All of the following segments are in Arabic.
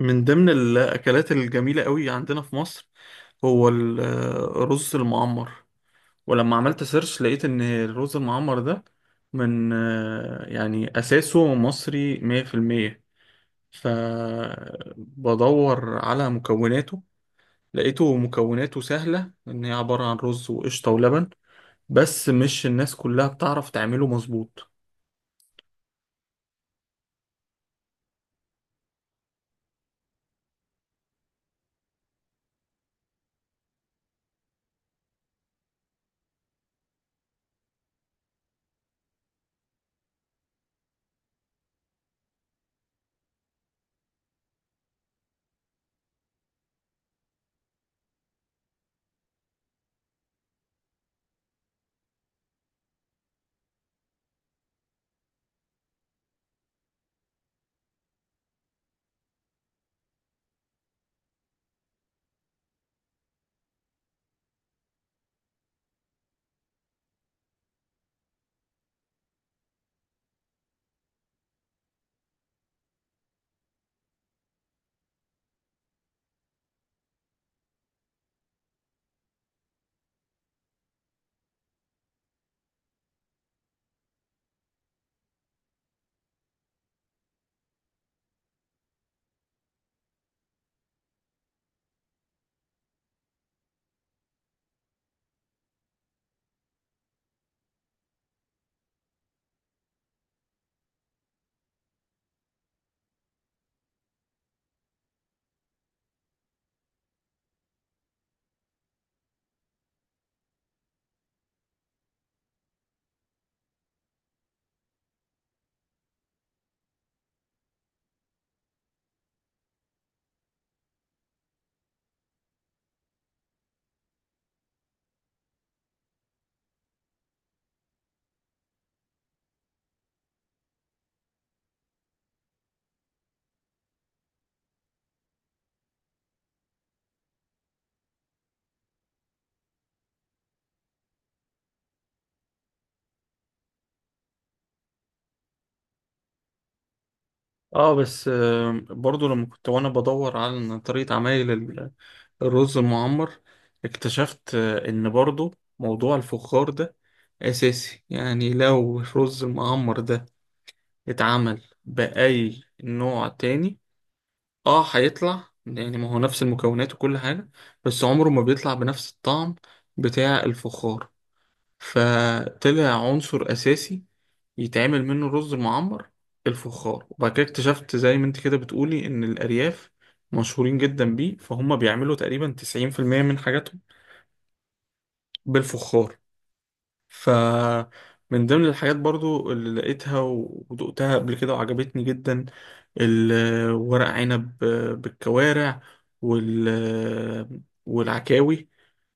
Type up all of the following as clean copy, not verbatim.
من ضمن الأكلات الجميلة قوي عندنا في مصر هو الرز المعمر. ولما عملت سيرش لقيت إن الرز المعمر ده من أساسه مصري 100%. فبدور على مكوناته لقيته مكوناته سهلة، إن هي عبارة عن رز وقشطة ولبن، بس مش الناس كلها بتعرف تعمله مظبوط. اه بس، برضو لما كنت وانا بدور على طريقة عمايل الرز المعمر، اكتشفت ان برضو موضوع الفخار ده اساسي. يعني لو الرز المعمر ده اتعمل بأي نوع تاني، اه هيطلع، يعني ما هو نفس المكونات وكل حاجة، بس عمره ما بيطلع بنفس الطعم بتاع الفخار. فطلع عنصر اساسي يتعمل منه الرز المعمر الفخار. وبعد كده اكتشفت زي ما انت كده بتقولي ان الارياف مشهورين جدا بيه، فهم بيعملوا تقريبا 90% من حاجاتهم بالفخار. ف من ضمن الحاجات برضو اللي لقيتها ودقتها قبل كده وعجبتني جدا الورق عنب بالكوارع وال والعكاوي.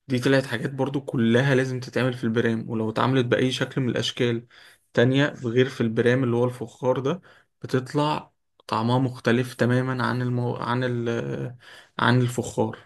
دي طلعت حاجات برضو كلها لازم تتعمل في البرام، ولو اتعملت بأي شكل من الأشكال تانية غير في البرام اللي هو الفخار ده، بتطلع طعمها مختلف تماما عن عن عن الفخار.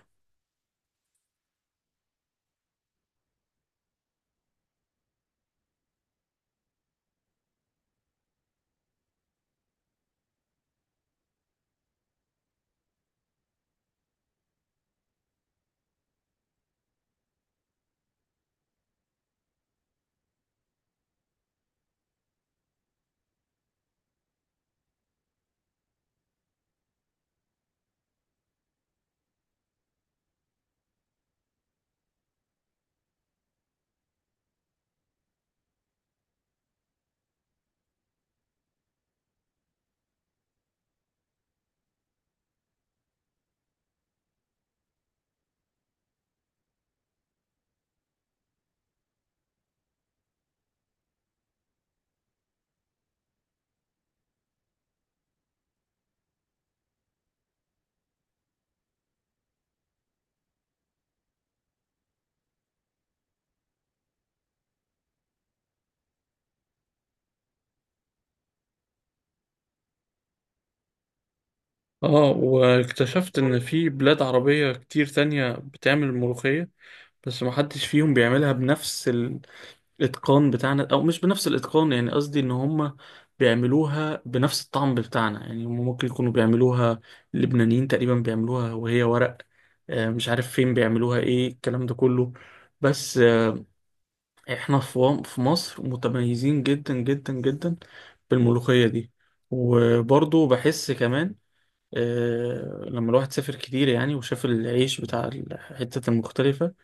اه واكتشفت ان في بلاد عربية كتير تانية بتعمل ملوخية، بس محدش فيهم بيعملها بنفس الاتقان بتاعنا، او مش بنفس الاتقان، يعني قصدي ان هم بيعملوها بنفس الطعم بتاعنا. يعني هم ممكن يكونوا بيعملوها، اللبنانيين تقريبا بيعملوها وهي ورق، مش عارف فين بيعملوها ايه الكلام ده كله. بس، احنا في في مصر متميزين جدا جدا جدا بالملوخية دي. وبرضو بحس كمان، لما الواحد سافر كتير يعني وشاف العيش بتاع الحتة المختلفة،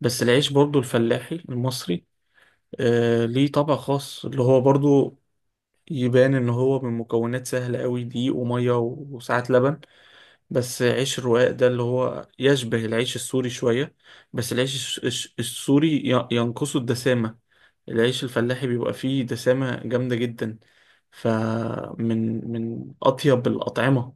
بس العيش برضو الفلاحي المصري آه ليه طبع خاص، اللي هو برضو يبان ان هو من مكونات سهلة قوي، دقيق ومية وساعات لبن. بس عيش الرقاق ده اللي هو يشبه العيش السوري شوية، بس العيش السوري ينقصه الدسامة. العيش الفلاحي بيبقى فيه دسامة جامدة جدا، فمن أطيب الأطعمة.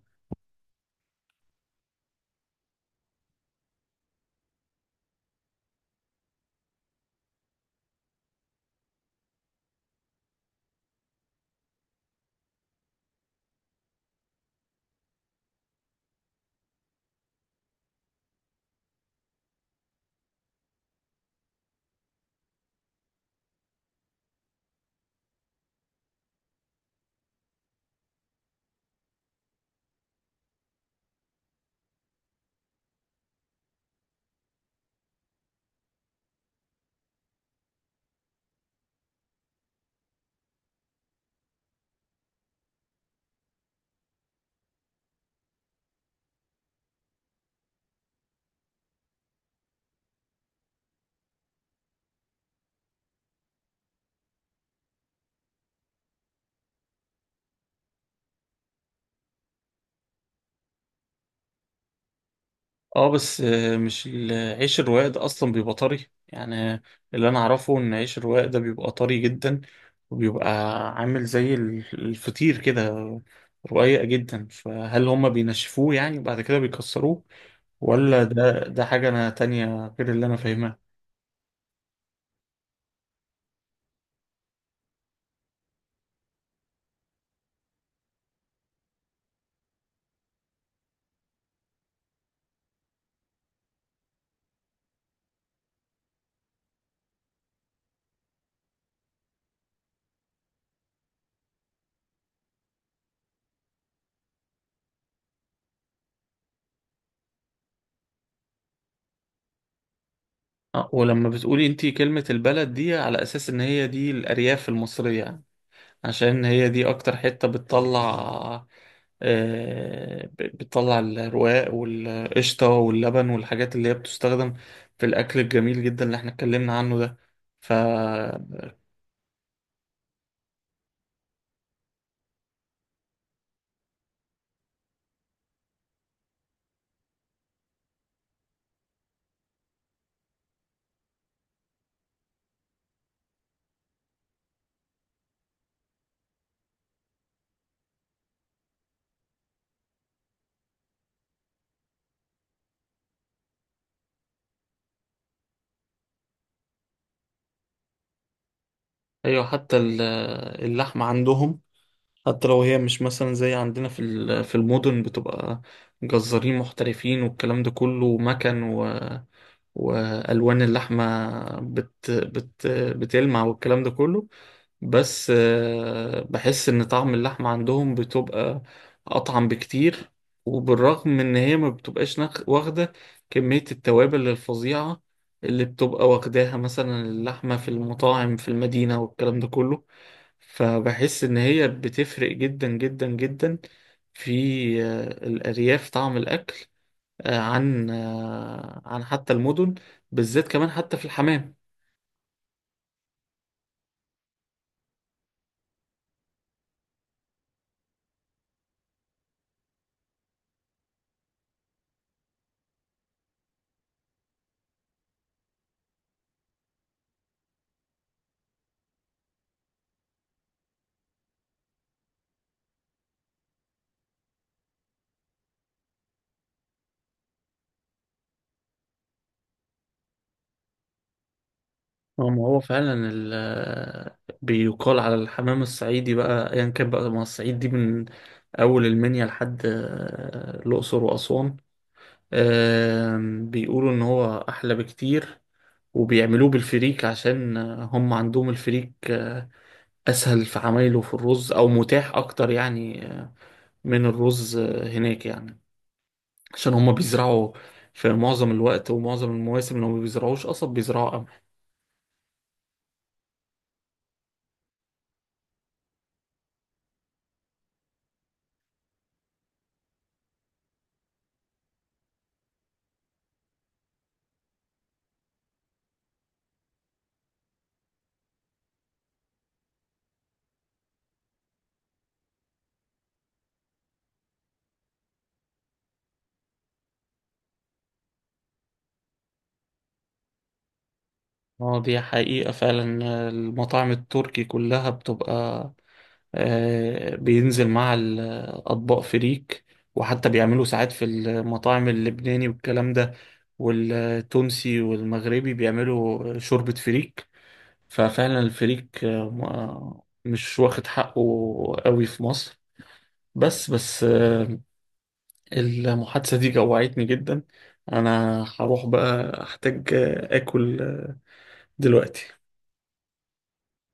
اه بس، آه، مش ال- عيش الرواق ده اصلا بيبقى طري يعني. اللي انا اعرفه ان عيش الرواق ده بيبقى طري جدا، وبيبقى عامل زي الفطير كده، رقيق جدا. فهل هما بينشفوه يعني بعد كده بيكسروه، ولا ده حاجة انا تانية غير اللي انا فاهمها؟ ولما بتقولي انتي كلمة البلد دي على اساس ان هي دي الارياف المصرية، عشان هي دي اكتر حتة بتطلع، بتطلع الرواق والقشطة واللبن والحاجات اللي هي بتستخدم في الأكل الجميل جدا اللي احنا اتكلمنا عنه ده. فا أيوة، حتى اللحمة عندهم، حتى لو هي مش مثلا زي عندنا في في المدن بتبقى جزارين محترفين والكلام ده كله مكن، والوان اللحمه بت بت بتلمع والكلام ده كله، بس، بحس ان طعم اللحمه عندهم بتبقى اطعم بكتير. وبالرغم من ان هي ما بتبقاش واخده كميه التوابل الفظيعه اللي بتبقى واخداها مثلا اللحمه في المطاعم في المدينه والكلام ده كله، فبحس ان هي بتفرق جدا جدا جدا في، الارياف طعم الاكل، عن حتى المدن، بالذات كمان حتى في الحمام. ما هو فعلا بيقال على الحمام الصعيدي بقى ايا يعني، كان بقى ما الصعيد دي من اول المنيا لحد الاقصر واسوان. بيقولوا ان هو احلى بكتير، وبيعملوه بالفريك عشان هم عندهم الفريك اسهل في عمايله في الرز او متاح اكتر يعني، من الرز هناك يعني، عشان هم بيزرعوا في معظم الوقت ومعظم المواسم لو ما بيزرعوش قصب بيزرعوا قمح. اه دي حقيقة فعلا، المطاعم التركي كلها بتبقى، بينزل مع الأطباق فريك، وحتى بيعملوا ساعات في المطاعم اللبناني والكلام ده والتونسي والمغربي بيعملوا شوربة فريك. ففعلا الفريك، مش واخد حقه قوي في مصر. بس، المحادثة دي جوعتني جدا. أنا هروح بقى أحتاج آكل دلوقتي.